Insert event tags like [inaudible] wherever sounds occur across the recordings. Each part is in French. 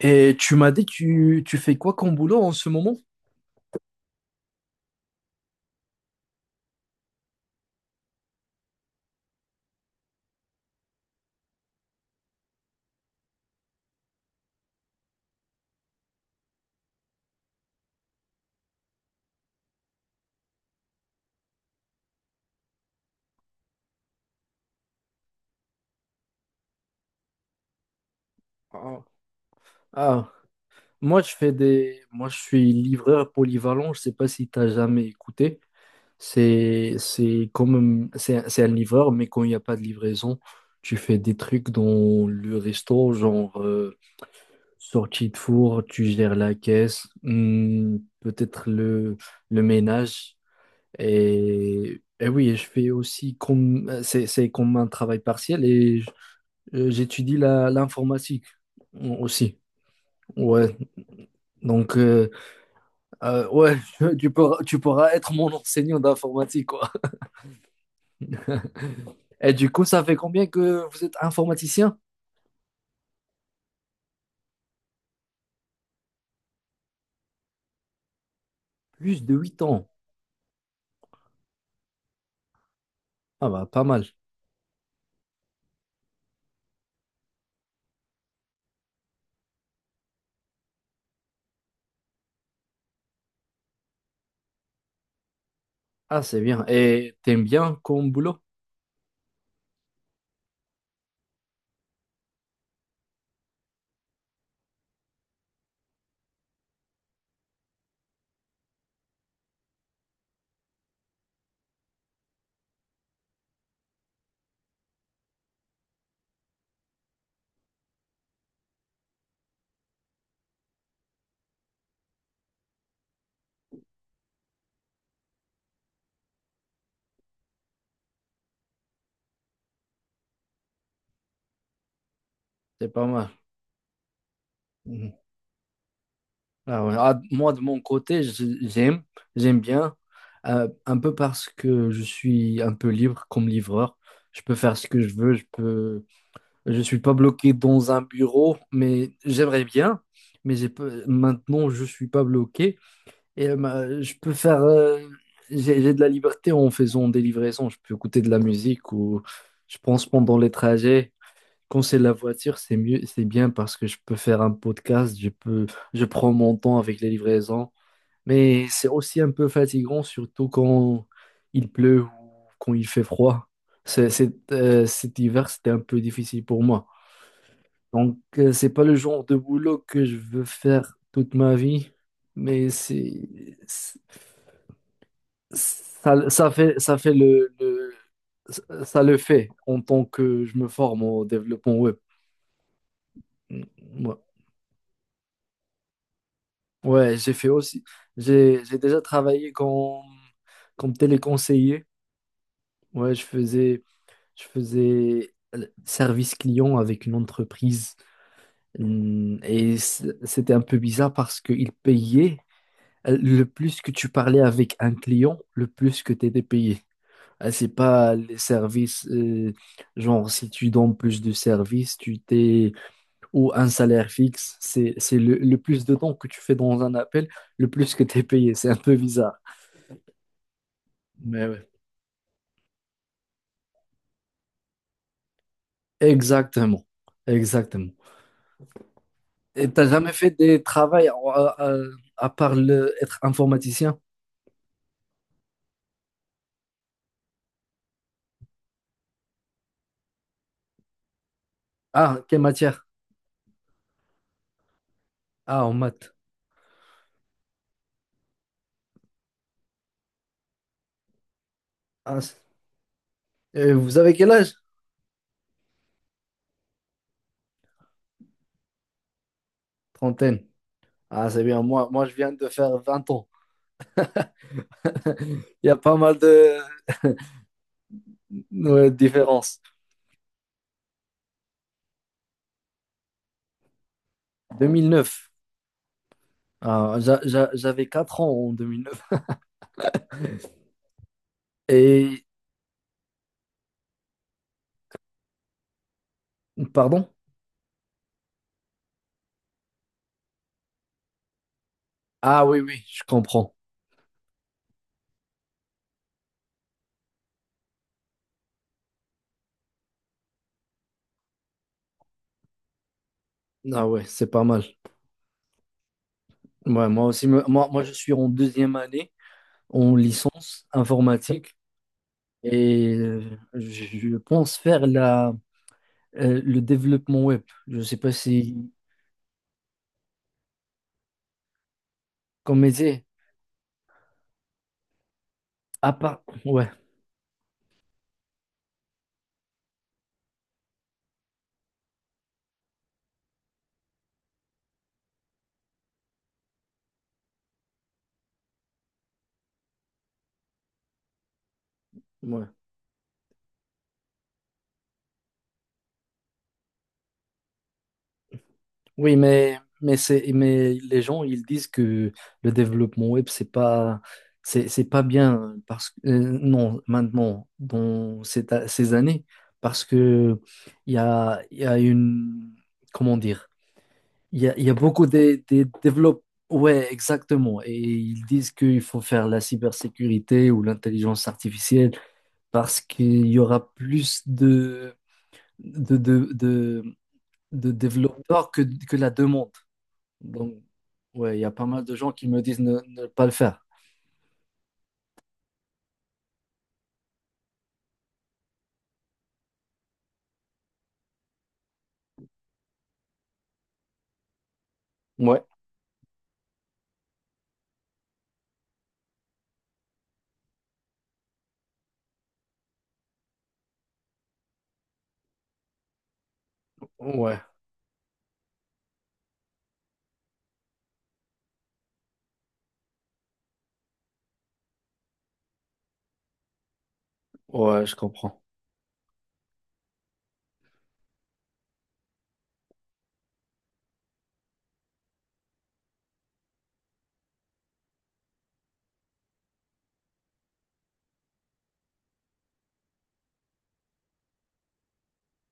Et tu m'as dit, tu fais quoi comme boulot en ce moment? Ah, ah, moi, je suis livreur polyvalent. Je sais pas si tu as jamais écouté. C'est comme, c'est un livreur, mais quand il n'y a pas de livraison, tu fais des trucs dans le resto, genre sortie de four, tu gères la caisse, peut-être le ménage. Et oui, je fais aussi comme, c'est comme un travail partiel. Et j'étudie l'informatique aussi. Ouais, donc, ouais, [laughs] tu pourras être mon enseignant d'informatique, quoi. [laughs] Et du coup, ça fait combien que vous êtes informaticien? Plus de 8 ans. Ah bah, pas mal. Ah, c'est bien. Et t'aimes bien comme boulot? C'est pas mal. Mhm. Ah ouais. Ah, moi, de mon côté, j'aime bien, un peu parce que je suis un peu libre comme livreur. Je peux faire ce que je veux. Je suis pas bloqué dans un bureau, mais j'aimerais bien. Mais j'ai pas- Maintenant, je suis pas bloqué, et je peux faire. J'ai de la liberté en faisant des livraisons. Je peux écouter de la musique ou je pense pendant les trajets. Quand c'est la voiture, c'est mieux, c'est bien parce que je peux faire un podcast. Je prends mon temps avec les livraisons. Mais c'est aussi un peu fatigant, surtout quand il pleut ou quand il fait froid. Cet hiver, c'était un peu difficile pour moi. Donc, c'est pas le genre de boulot que je veux faire toute ma vie. mais c'est, c'est- ça, ça fait, ça fait le, le- ça le fait en tant que je me forme au développement web. Mm. Ouais. Ouais, j'ai fait aussi, j'ai déjà travaillé comme téléconseiller. Ouais, je faisais le service client avec une entreprise. Et c'était un peu bizarre parce qu'ils payaient, le plus que tu parlais avec un client, le plus que tu étais payé. C'est pas les services. Genre, si tu donnes plus de services, tu t'es ou un salaire fixe, c'est le plus de temps que tu fais dans un appel, le plus que tu es payé. C'est un peu bizarre. Mais ouais. Exactement, exactement. Et t'as jamais fait des travails, à part être informaticien? Ah, quelle matière? Ah, en maths. Ah, vous avez quel âge? Trentaine. Ah, c'est bien. Moi, je viens de faire 20 ans. Il y a pas mal de différences. 2009. Ah, j'avais 4 ans en 2009. Et, Pardon? Ah oui, oui, je comprends. Ah ouais, c'est pas mal. Ouais, moi aussi, je suis en deuxième année en licence informatique. Et je pense faire le développement web. Je ne sais pas si, comme métier, à part, ouais, ouais. Oui, mais les gens, ils disent que le développement web, c'est pas bien parce que, non, maintenant, dans ces années, parce que il y a une, comment dire, il y a beaucoup de développeurs. Ouais, exactement. Et ils disent qu'il faut faire la cybersécurité ou l'intelligence artificielle parce qu'il y aura plus de, de, de- de développeurs, que la demande. Donc, ouais, il y a pas mal de gens qui me disent ne pas le faire. Ouais, ouais, ouais, je comprends.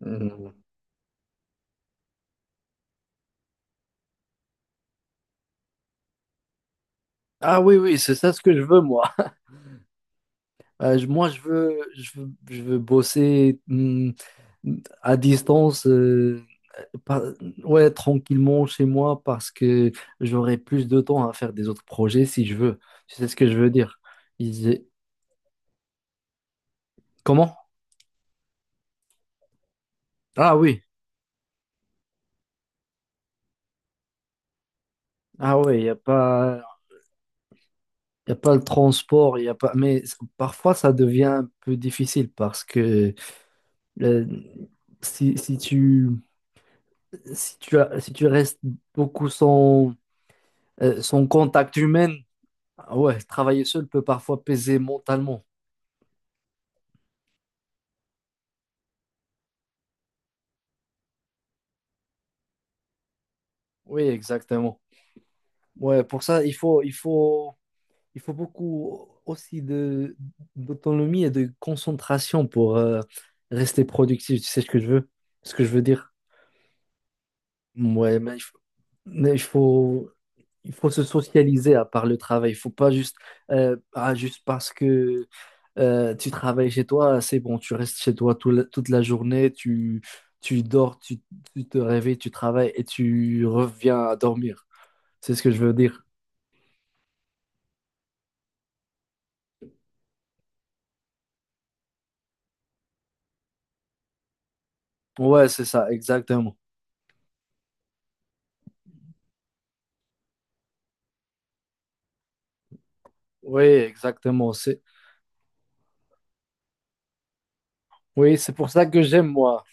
Hmm. Ah oui, oui, c'est ça ce que je veux, moi. Moi, je veux bosser, à distance, pas- ouais, tranquillement chez moi, parce que j'aurai plus de temps à faire des autres projets si je veux. Tu sais ce que je veux dire? Ils- Comment? Ah oui, ah oui, il n'y a pas, y a pas le transport, y a pas... Mais parfois ça devient un peu difficile parce que, euh, si, si tu, si tu restes beaucoup sans, sans contact humain, ah ouais, travailler seul peut parfois peser mentalement. Oui, exactement. Ouais, pour ça, il faut beaucoup aussi d'autonomie et de concentration pour, rester productif. Tu sais ce que je veux dire? Ouais, mais il faut, il faut se socialiser à part le travail. Il faut pas juste, juste parce que, tu travailles chez toi, c'est bon, tu restes chez toi toute la journée, tu dors, tu te réveilles, tu travailles et tu reviens à dormir. C'est ce que je veux dire. Ouais, c'est ça, exactement. Oui, exactement. Oui, c'est pour ça que j'aime, moi.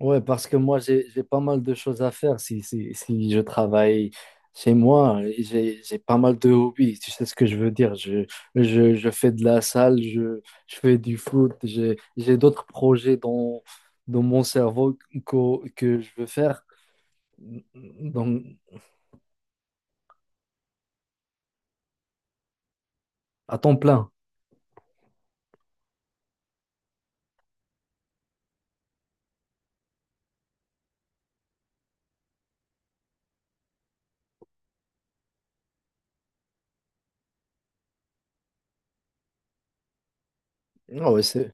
Ouais, parce que moi, j'ai pas mal de choses à faire si je travaille chez moi. Et j'ai pas mal de hobbies, tu sais ce que je veux dire. Je fais de la salle, je fais du foot, j'ai d'autres projets dans, dans mon cerveau que je veux faire dans- à temps plein. Ah ouais,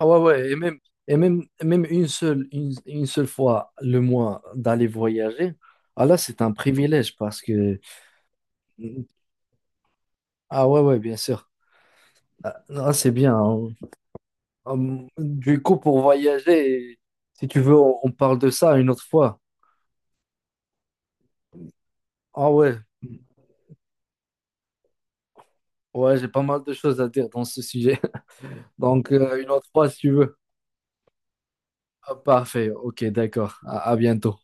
ah ouais, ouais, même une seule fois le mois d'aller voyager, ah là, c'est un privilège parce que... Ah ouais, ouais, bien sûr. Ah, ah, c'est bien, hein. Du coup, pour voyager, si tu veux, on parle de ça une autre fois. Ah ouais, ouais, j'ai pas mal de choses à dire dans ce sujet. [laughs] Donc, une autre fois, si tu veux. Ah, parfait, ok, d'accord. À bientôt.